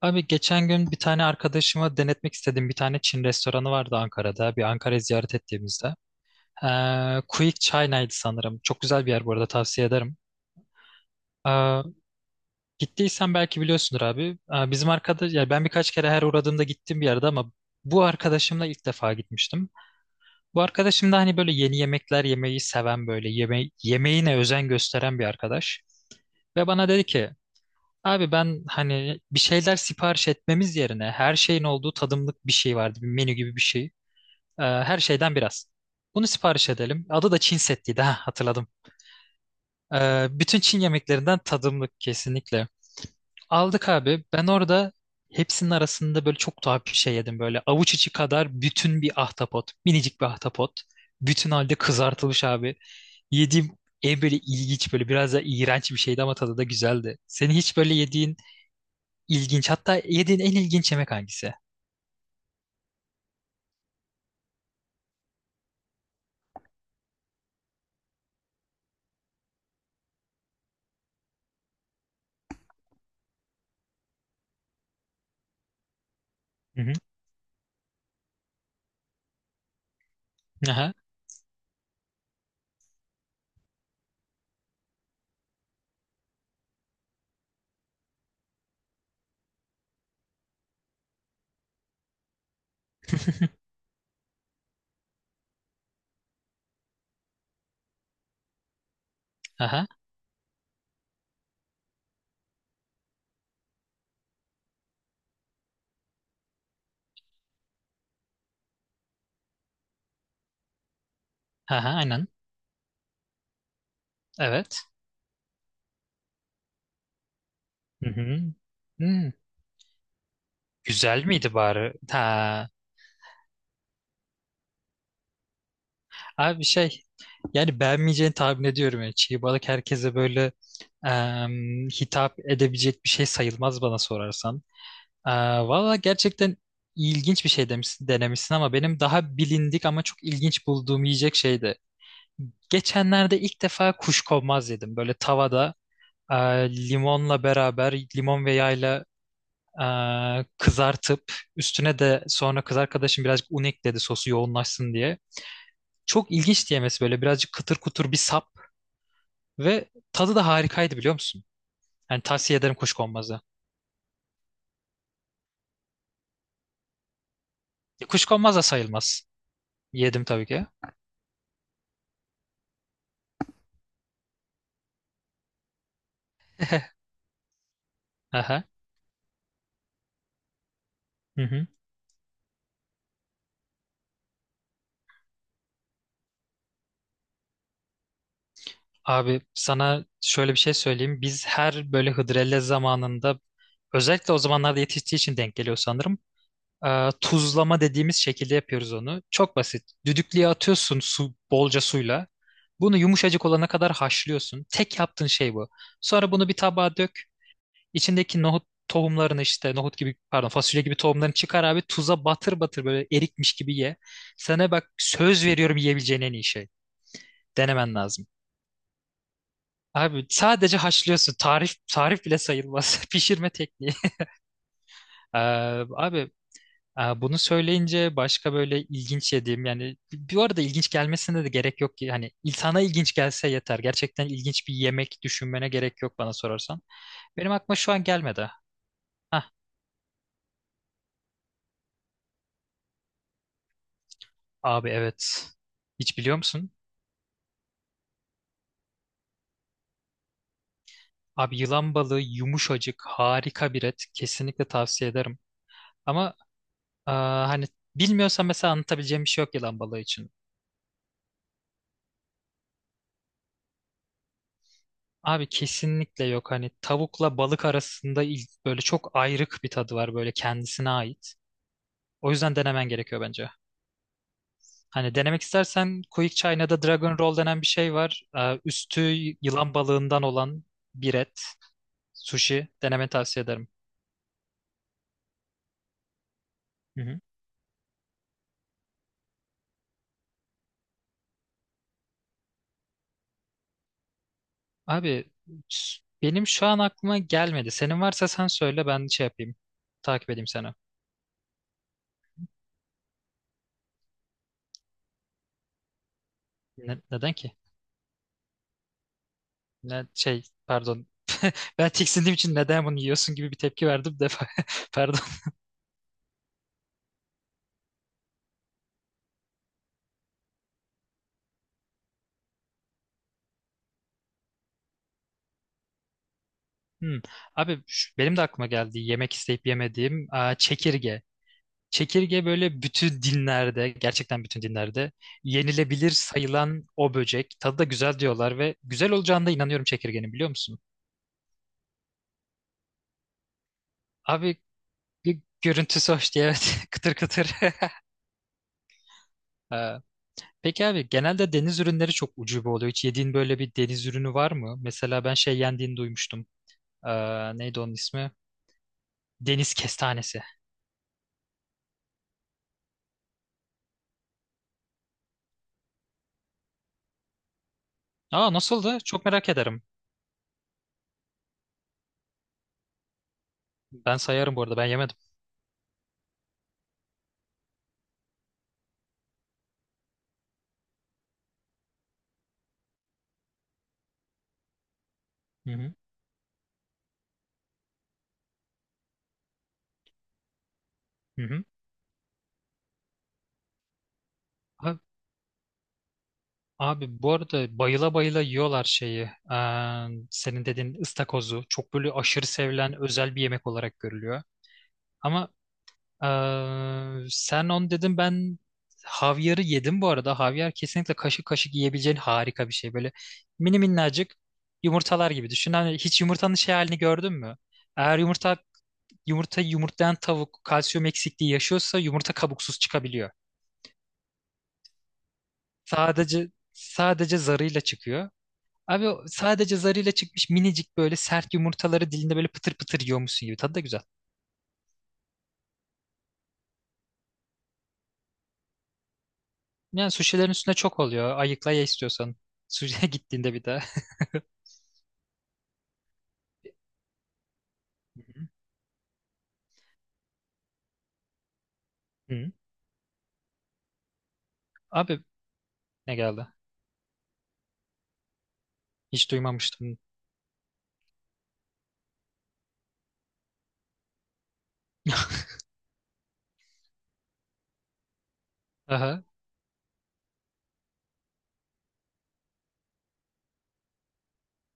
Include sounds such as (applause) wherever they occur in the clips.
Abi geçen gün bir tane arkadaşıma denetmek istediğim bir tane Çin restoranı vardı Ankara'da. Bir Ankara'yı ziyaret ettiğimizde. Quick China'ydı sanırım. Çok güzel bir yer, bu arada tavsiye ederim. Ee, Gittiysen belki biliyorsundur abi. Bizim arkadaş, yani ben birkaç kere her uğradığımda gittiğim bir yerde ama bu arkadaşımla ilk defa gitmiştim. Bu arkadaşım da hani böyle yeni yemekler yemeyi seven, böyle yemeğine özen gösteren bir arkadaş. Ve bana dedi ki, abi ben hani bir şeyler sipariş etmemiz yerine her şeyin olduğu tadımlık bir şey vardı. Bir menü gibi bir şey. Her şeyden biraz. Bunu sipariş edelim. Adı da Çin settiydi. Ha, hatırladım. Bütün Çin yemeklerinden tadımlık, kesinlikle. Aldık abi. Ben orada hepsinin arasında böyle çok tuhaf bir şey yedim. Böyle avuç içi kadar bütün bir ahtapot. Minicik bir ahtapot. Bütün halde kızartılmış abi. Yediğim en böyle ilginç, böyle biraz da iğrenç bir şeydi ama tadı da güzeldi. Senin hiç böyle yediğin İlginç. Hatta yediğin en ilginç yemek hangisi? Hı hı. Aha. (laughs) Aha. Aha. Aynen. Evet. Hı hı. Hmm. Güzel miydi bari? Ha. Abi şey, yani beğenmeyeceğini tahmin ediyorum. Yani çiğ balık herkese böyle hitap edebilecek bir şey sayılmaz, bana sorarsan. E, Valla gerçekten ilginç bir şey demişsin, denemişsin ama benim daha bilindik ama çok ilginç bulduğum yiyecek şeydi. Geçenlerde ilk defa kuşkonmaz yedim. Böyle tavada, limonla beraber, limon ve yağla e, kızartıp üstüne de sonra kız arkadaşım birazcık un ekledi, sosu yoğunlaşsın diye. Çok ilginç diyemesi, böyle birazcık kıtır kutur bir sap ve tadı da harikaydı, biliyor musun? Yani tavsiye ederim kuşkonmazı. E, kuşkonmaz da sayılmaz. Yedim tabii ki. (laughs) Aha. Hı hı. Abi sana şöyle bir şey söyleyeyim. Biz her böyle hıdrellez zamanında, özellikle o zamanlarda yetiştiği için denk geliyor sanırım, tuzlama dediğimiz şekilde yapıyoruz onu. Çok basit. Düdüklüye atıyorsun su, bolca suyla. Bunu yumuşacık olana kadar haşlıyorsun. Tek yaptığın şey bu. Sonra bunu bir tabağa dök. İçindeki nohut tohumlarını, işte nohut gibi, pardon fasulye gibi tohumlarını çıkar abi, tuza batır batır, böyle erikmiş gibi ye. Sana bak, söz veriyorum, yiyebileceğin en iyi şey. Denemen lazım. Abi sadece haşlıyorsun. Tarif bile sayılmaz. (laughs) Pişirme tekniği. Ee, Abi, bunu söyleyince başka böyle ilginç yediğim, yani bu arada ilginç gelmesine de gerek yok ki, hani insana ilginç gelse yeter. Gerçekten ilginç bir yemek düşünmene gerek yok, bana sorarsan. Benim aklıma şu an gelmedi. Hah, abi evet. Hiç biliyor musun? Abi yılan balığı yumuşacık, harika bir et. Kesinlikle tavsiye ederim. Ama hani bilmiyorsan mesela anlatabileceğim bir şey yok yılan balığı için. Abi kesinlikle yok, hani tavukla balık arasında böyle çok ayrık bir tadı var, böyle kendisine ait. O yüzden denemen gerekiyor bence. Hani denemek istersen Quick China'da Dragon Roll denen bir şey var. Üstü yılan balığından olan bir et. Sushi denemeni tavsiye ederim. Hı hı. Abi benim şu an aklıma gelmedi. Senin varsa sen söyle, ben şey yapayım. Takip edeyim seni. Neden ki? Ne şey, pardon. Ben tiksindiğim için neden bunu yiyorsun gibi bir tepki verdim defa. (laughs) Pardon. Hmm. Abi benim de aklıma geldi. Yemek isteyip yemediğim, aa, çekirge. Çekirge böyle bütün dinlerde, gerçekten bütün dinlerde yenilebilir sayılan o böcek. Tadı da güzel diyorlar ve güzel olacağına da inanıyorum çekirgenin, biliyor musun? Abi görüntüsü hoş diye, evet, (laughs) kıtır kıtır. (laughs) Ee, Peki abi, genelde deniz ürünleri çok ucube oluyor. Hiç yediğin böyle bir deniz ürünü var mı? Mesela ben şey yendiğini duymuştum. Neydi onun ismi? Deniz kestanesi. Aa, nasıldı? Çok merak ederim. Ben sayarım bu arada, ben yemedim. Hı hı. Hı hı. Abi bu arada bayıla bayıla yiyorlar şeyi. Senin dediğin ıstakozu. Çok böyle aşırı sevilen özel bir yemek olarak görülüyor. Ama sen onu dedin, ben havyarı yedim bu arada. Havyar kesinlikle kaşık kaşık yiyebileceğin harika bir şey. Böyle mini minnacık yumurtalar gibi düşün. Hani hiç yumurtanın şey halini gördün mü? Eğer yumurta yumurtlayan tavuk kalsiyum eksikliği yaşıyorsa yumurta kabuksuz çıkabiliyor. Sadece zarıyla çıkıyor. Abi o sadece zarıyla çıkmış minicik böyle sert yumurtaları dilinde böyle pıtır pıtır yiyormuşsun gibi. Tadı da güzel. Yani suşilerin üstüne çok oluyor. Ayıkla ye istiyorsan. Suşiye (laughs) gittiğinde bir daha. Hı. Abi ne geldi? Hiç duymamıştım. (laughs) Aha.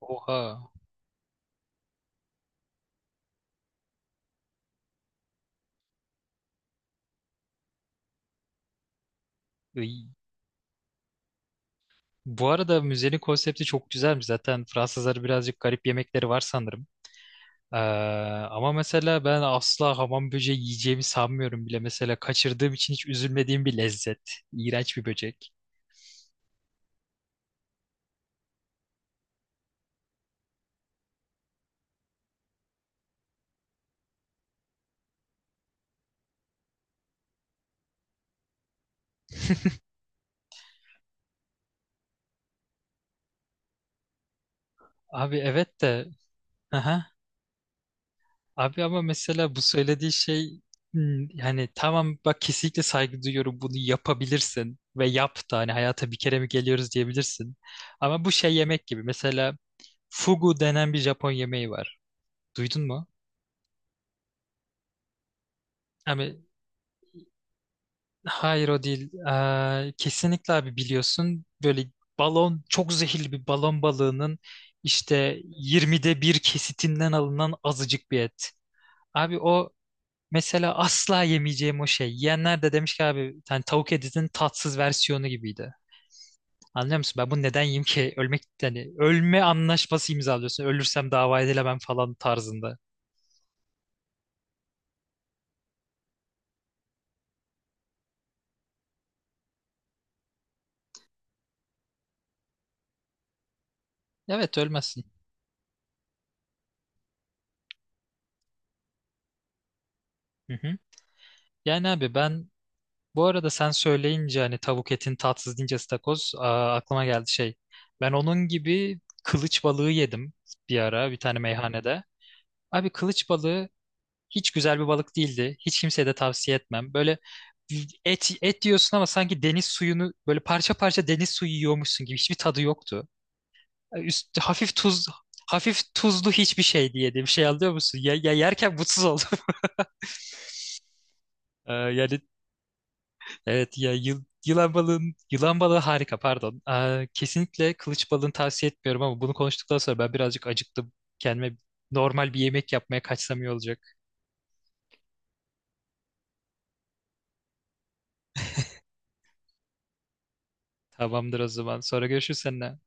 Oha. Iy. Bu arada müzenin konsepti çok güzelmiş. Zaten Fransızlar birazcık garip yemekleri var sanırım. Ee, Ama mesela ben asla hamam böceği yiyeceğimi sanmıyorum bile. Mesela kaçırdığım için hiç üzülmediğim bir lezzet. İğrenç bir böcek. Abi evet de. Aha. Abi ama mesela bu söylediği şey, hmm, yani tamam bak, kesinlikle saygı duyuyorum, bunu yapabilirsin ve yap da, hani hayata bir kere mi geliyoruz diyebilirsin. Ama bu şey yemek gibi, mesela fugu denen bir Japon yemeği var. Duydun mu? Abi hayır, o değil. Kesinlikle abi, biliyorsun böyle çok zehirli bir balon balığının işte 20'de bir kesitinden alınan azıcık bir et. Abi o mesela asla yemeyeceğim, o şey. Yiyenler de demiş ki, abi hani tavuk etinin tatsız versiyonu gibiydi. Anlıyor musun? Ben bunu neden yiyeyim ki? Ölmek, yani ölme anlaşması imzalıyorsun. Ölürsem dava edilemem falan tarzında. Evet, ölmezsin. Hı hı. Yani abi, ben bu arada sen söyleyince hani tavuk etin tatsız deyince istakoz aa, aklıma geldi şey. Ben onun gibi kılıç balığı yedim bir ara bir tane meyhanede. Abi kılıç balığı hiç güzel bir balık değildi. Hiç kimseye de tavsiye etmem. Böyle et et diyorsun ama sanki deniz suyunu böyle parça parça deniz suyu yiyormuşsun gibi hiçbir tadı yoktu. Hafif hafif tuzlu hiçbir şey diye bir şey, anlıyor musun? Ya, ya yerken mutsuz oldum. (laughs) Yani evet, ya yılan yılan balığı harika, pardon. Kesinlikle kılıç balığını tavsiye etmiyorum ama bunu konuştuktan sonra ben birazcık acıktım. Kendime normal bir yemek yapmaya kaçsam iyi olacak. Tamamdır o zaman. Sonra görüşürüz seninle.